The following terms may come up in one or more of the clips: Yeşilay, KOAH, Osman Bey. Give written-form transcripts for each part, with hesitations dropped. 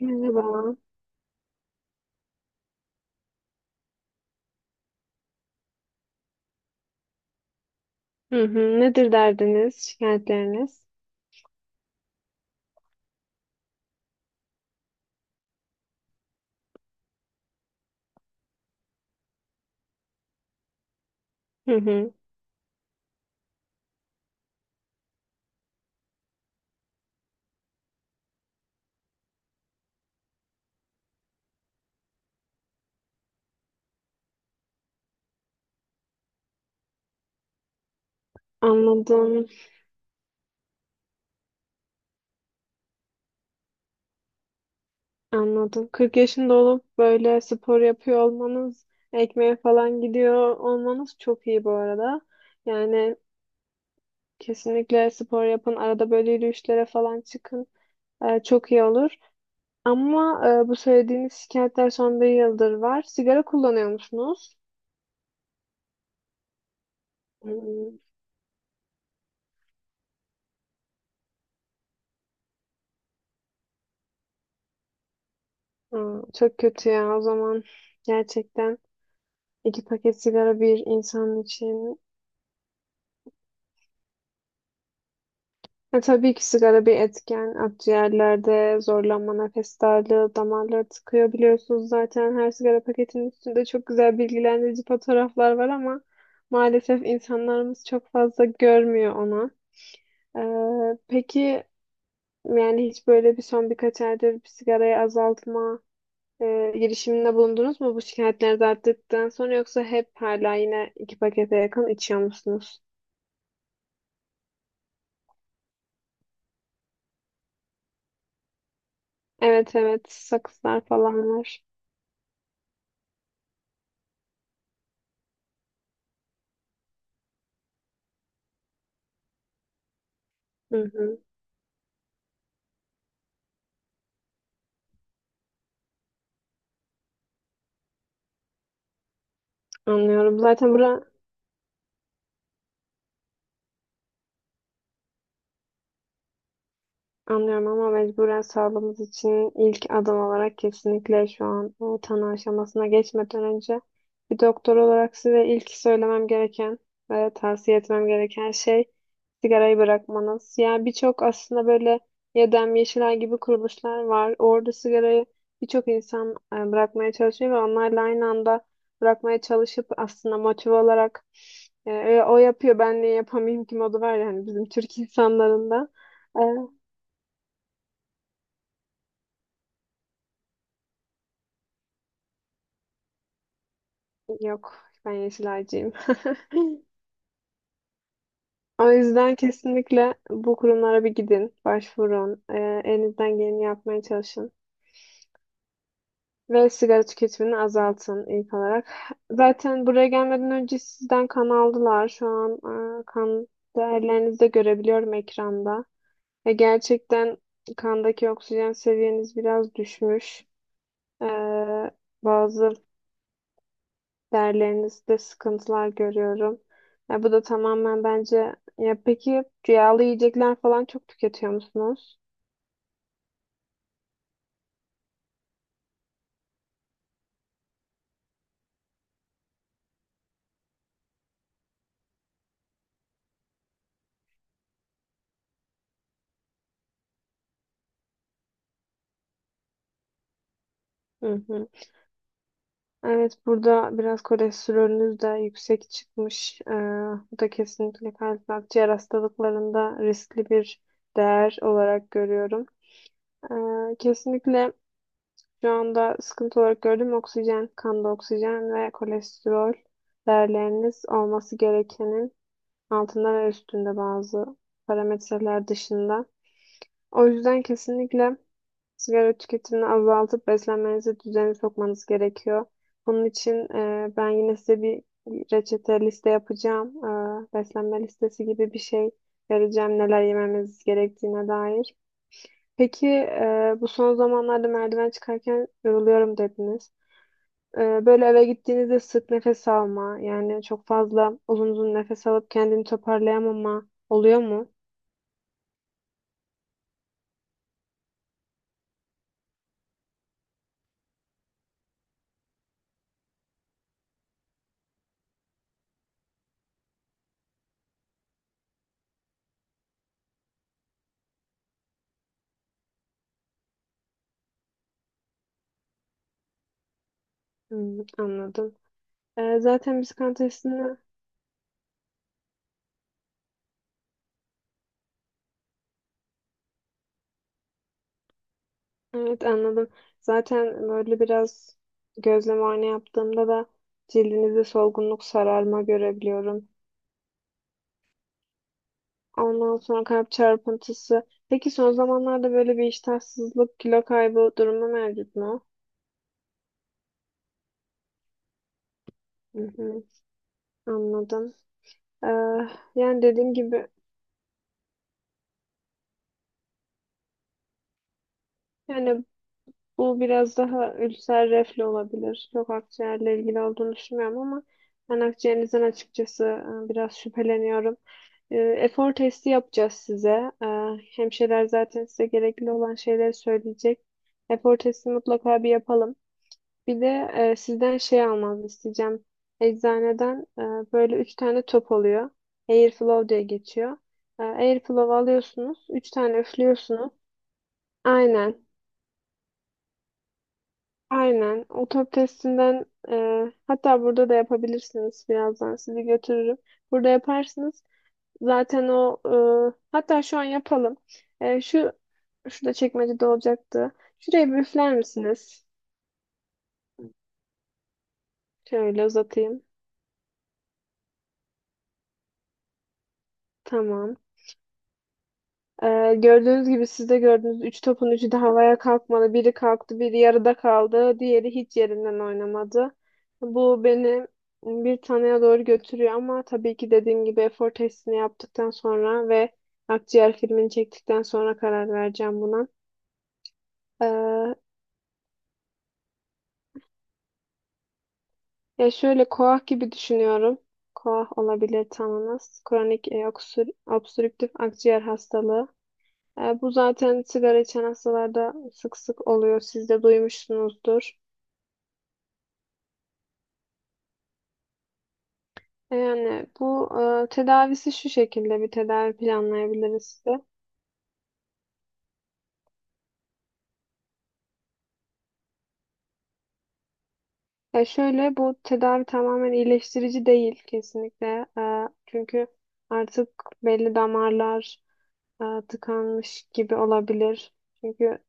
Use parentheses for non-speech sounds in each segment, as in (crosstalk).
Merhaba. Hı hı. Nedir derdiniz, şikayetleriniz? Hı hı. Anladım, anladım. 40 yaşında olup böyle spor yapıyor olmanız, ekmeğe falan gidiyor olmanız çok iyi bu arada. Yani kesinlikle spor yapın, arada böyle yürüyüşlere falan çıkın. Çok iyi olur. Ama bu söylediğiniz şikayetler son bir yıldır var. Sigara kullanıyor musunuz? Hmm. Çok kötü ya o zaman. Gerçekten 2 paket sigara bir insan için. Tabii ki sigara bir etken. Akciğerlerde zorlanma, nefes darlığı, damarları tıkıyor biliyorsunuz zaten. Her sigara paketinin üstünde çok güzel bilgilendirici fotoğraflar var ama maalesef insanlarımız çok fazla görmüyor onu. Peki yani hiç böyle bir son birkaç aydır bir sigarayı azaltma girişiminde bulundunuz mu bu şikayetleriniz arttıktan sonra, yoksa hep hala yine 2 pakete yakın içiyor musunuz? Evet evet, sakızlar falan var. Hı hı. Anlıyorum. Zaten bura Anlıyorum, ama mecburen sağlığımız için ilk adım olarak kesinlikle şu an o tanı aşamasına geçmeden önce bir doktor olarak size ilk söylemem gereken ve tavsiye etmem gereken şey sigarayı bırakmanız. Yani birçok aslında böyle Yedem Yeşilay gibi kuruluşlar var. Orada sigarayı birçok insan bırakmaya çalışıyor ve onlarla aynı anda bırakmaya çalışıp aslında motive olarak o yapıyor ben niye yapamayayım ki modu var yani bizim Türk insanlarında. Yok, ben Yeşilaycıyım. (laughs) O yüzden kesinlikle bu kurumlara bir gidin, başvurun, elinizden geleni yapmaya çalışın ve sigara tüketimini azaltın ilk olarak. Zaten buraya gelmeden önce sizden kan aldılar. Şu an kan değerlerinizi de görebiliyorum ekranda. Ve gerçekten kandaki oksijen seviyeniz biraz düşmüş. E, Bazı derlerinizde sıkıntılar görüyorum. Ya bu da tamamen bence. Ya peki rüyalı yiyecekler falan çok tüketiyor musunuz? Hı hı. Evet, burada biraz kolesterolünüz de yüksek çıkmış. Bu da kesinlikle kalp ve akciğer hastalıklarında riskli bir değer olarak görüyorum. Kesinlikle şu anda sıkıntı olarak gördüğüm oksijen, kanda oksijen ve kolesterol değerleriniz olması gerekenin altında ve üstünde bazı parametreler dışında. O yüzden kesinlikle sigara tüketimini azaltıp beslenmenizi düzene sokmanız gerekiyor. Bunun için ben yine size bir reçete liste yapacağım. Beslenme listesi gibi bir şey vereceğim neler yememiz gerektiğine dair. Peki bu son zamanlarda merdiven çıkarken yoruluyorum dediniz. Böyle eve gittiğinizde sık nefes alma, yani çok fazla uzun uzun nefes alıp kendini toparlayamama oluyor mu? Anladım. Zaten biz kan testini. Evet, anladım. Zaten böyle biraz gözlem muayene yaptığımda da cildinizde solgunluk, sararma görebiliyorum. Ondan sonra kalp çarpıntısı. Peki son zamanlarda böyle bir iştahsızlık, kilo kaybı durumu mevcut mu? Hı hı, anladım. Ee, Yani dediğim gibi, yani bu biraz daha ülser reflü olabilir. Çok akciğerle ilgili olduğunu düşünmüyorum ama ben akciğerinizden açıkçası biraz şüpheleniyorum. Efor testi yapacağız size. Hemşireler zaten size gerekli olan şeyleri söyleyecek. Efor testi mutlaka bir yapalım. Bir de sizden şey almanızı isteyeceğim. Eczaneden böyle 3 tane top oluyor. Airflow diye geçiyor. Airflow alıyorsunuz. 3 tane üflüyorsunuz. Aynen. Aynen. O top testinden hatta burada da yapabilirsiniz. Birazdan sizi götürürüm. Burada yaparsınız. Zaten o hatta şu an yapalım. E, şu Şurada çekmecede olacaktı. Şuraya bir üfler misiniz? Şöyle uzatayım. Tamam. Gördüğünüz gibi, siz de gördünüz. Üç topun üçü de havaya kalkmadı. Biri kalktı, biri yarıda kaldı. Diğeri hiç yerinden oynamadı. Bu beni bir taneye doğru götürüyor, ama tabii ki dediğim gibi efor testini yaptıktan sonra ve akciğer filmini çektikten sonra karar vereceğim buna. E, Ya, şöyle koah gibi düşünüyorum. Koah olabilir tanınız. Kronik obstrüktif akciğer hastalığı. Bu zaten sigara içen hastalarda sık sık oluyor. Siz de duymuşsunuzdur. Yani bu tedavisi şu şekilde, bir tedavi planlayabiliriz size. Ya şöyle, bu tedavi tamamen iyileştirici değil kesinlikle. Çünkü artık belli damarlar tıkanmış gibi olabilir. Çünkü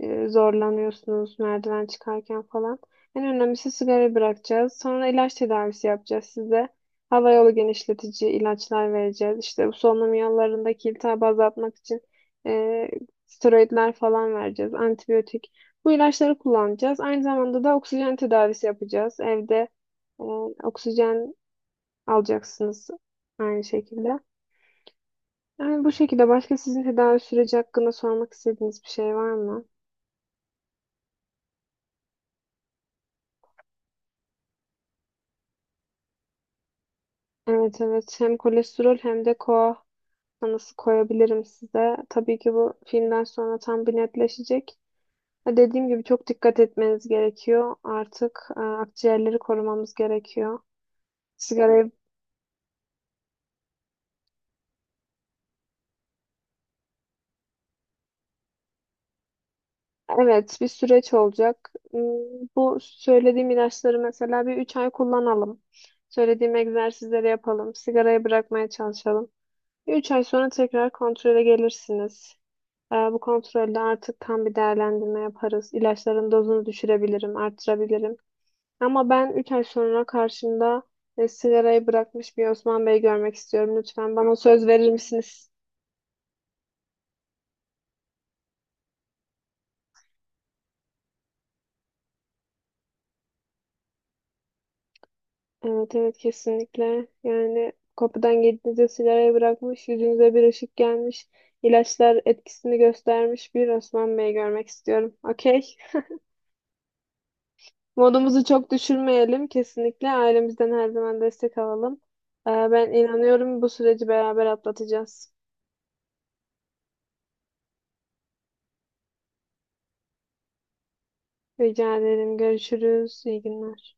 zorlanıyorsunuz merdiven çıkarken falan. En önemlisi sigara bırakacağız. Sonra ilaç tedavisi yapacağız size. Hava yolu genişletici ilaçlar vereceğiz. İşte bu solunum yollarındaki iltihabı azaltmak için e, steroidler falan vereceğiz. Antibiyotik. Bu ilaçları kullanacağız. Aynı zamanda da oksijen tedavisi yapacağız. Evde e, oksijen alacaksınız aynı şekilde. Yani bu şekilde başka sizin tedavi süreci hakkında sormak istediğiniz bir şey var mı? Evet evet, hem kolesterol hem de koa tanısı koyabilirim size. Tabii ki bu filmden sonra tam bir netleşecek. Ha, dediğim gibi çok dikkat etmeniz gerekiyor. Artık akciğerleri korumamız gerekiyor. Sigarayı. Evet, bir süreç olacak. Bu söylediğim ilaçları mesela bir 3 ay kullanalım. Söylediğim egzersizleri yapalım. Sigarayı bırakmaya çalışalım. 3 ay sonra tekrar kontrole gelirsiniz. Bu kontrolde artık tam bir değerlendirme yaparız. İlaçların dozunu düşürebilirim, arttırabilirim. Ama ben 3 ay sonra karşımda sigarayı bırakmış bir Osman Bey görmek istiyorum. Lütfen bana söz verir misiniz? Evet evet, kesinlikle. Yani kapıdan girdiğinizde sigarayı bırakmış, yüzünüze bir ışık gelmiş, ilaçlar etkisini göstermiş bir Osman Bey görmek istiyorum. Okey? Modumuzu çok düşürmeyelim. Kesinlikle ailemizden her zaman destek alalım. Ben inanıyorum bu süreci beraber atlatacağız. Rica ederim. Görüşürüz. İyi günler.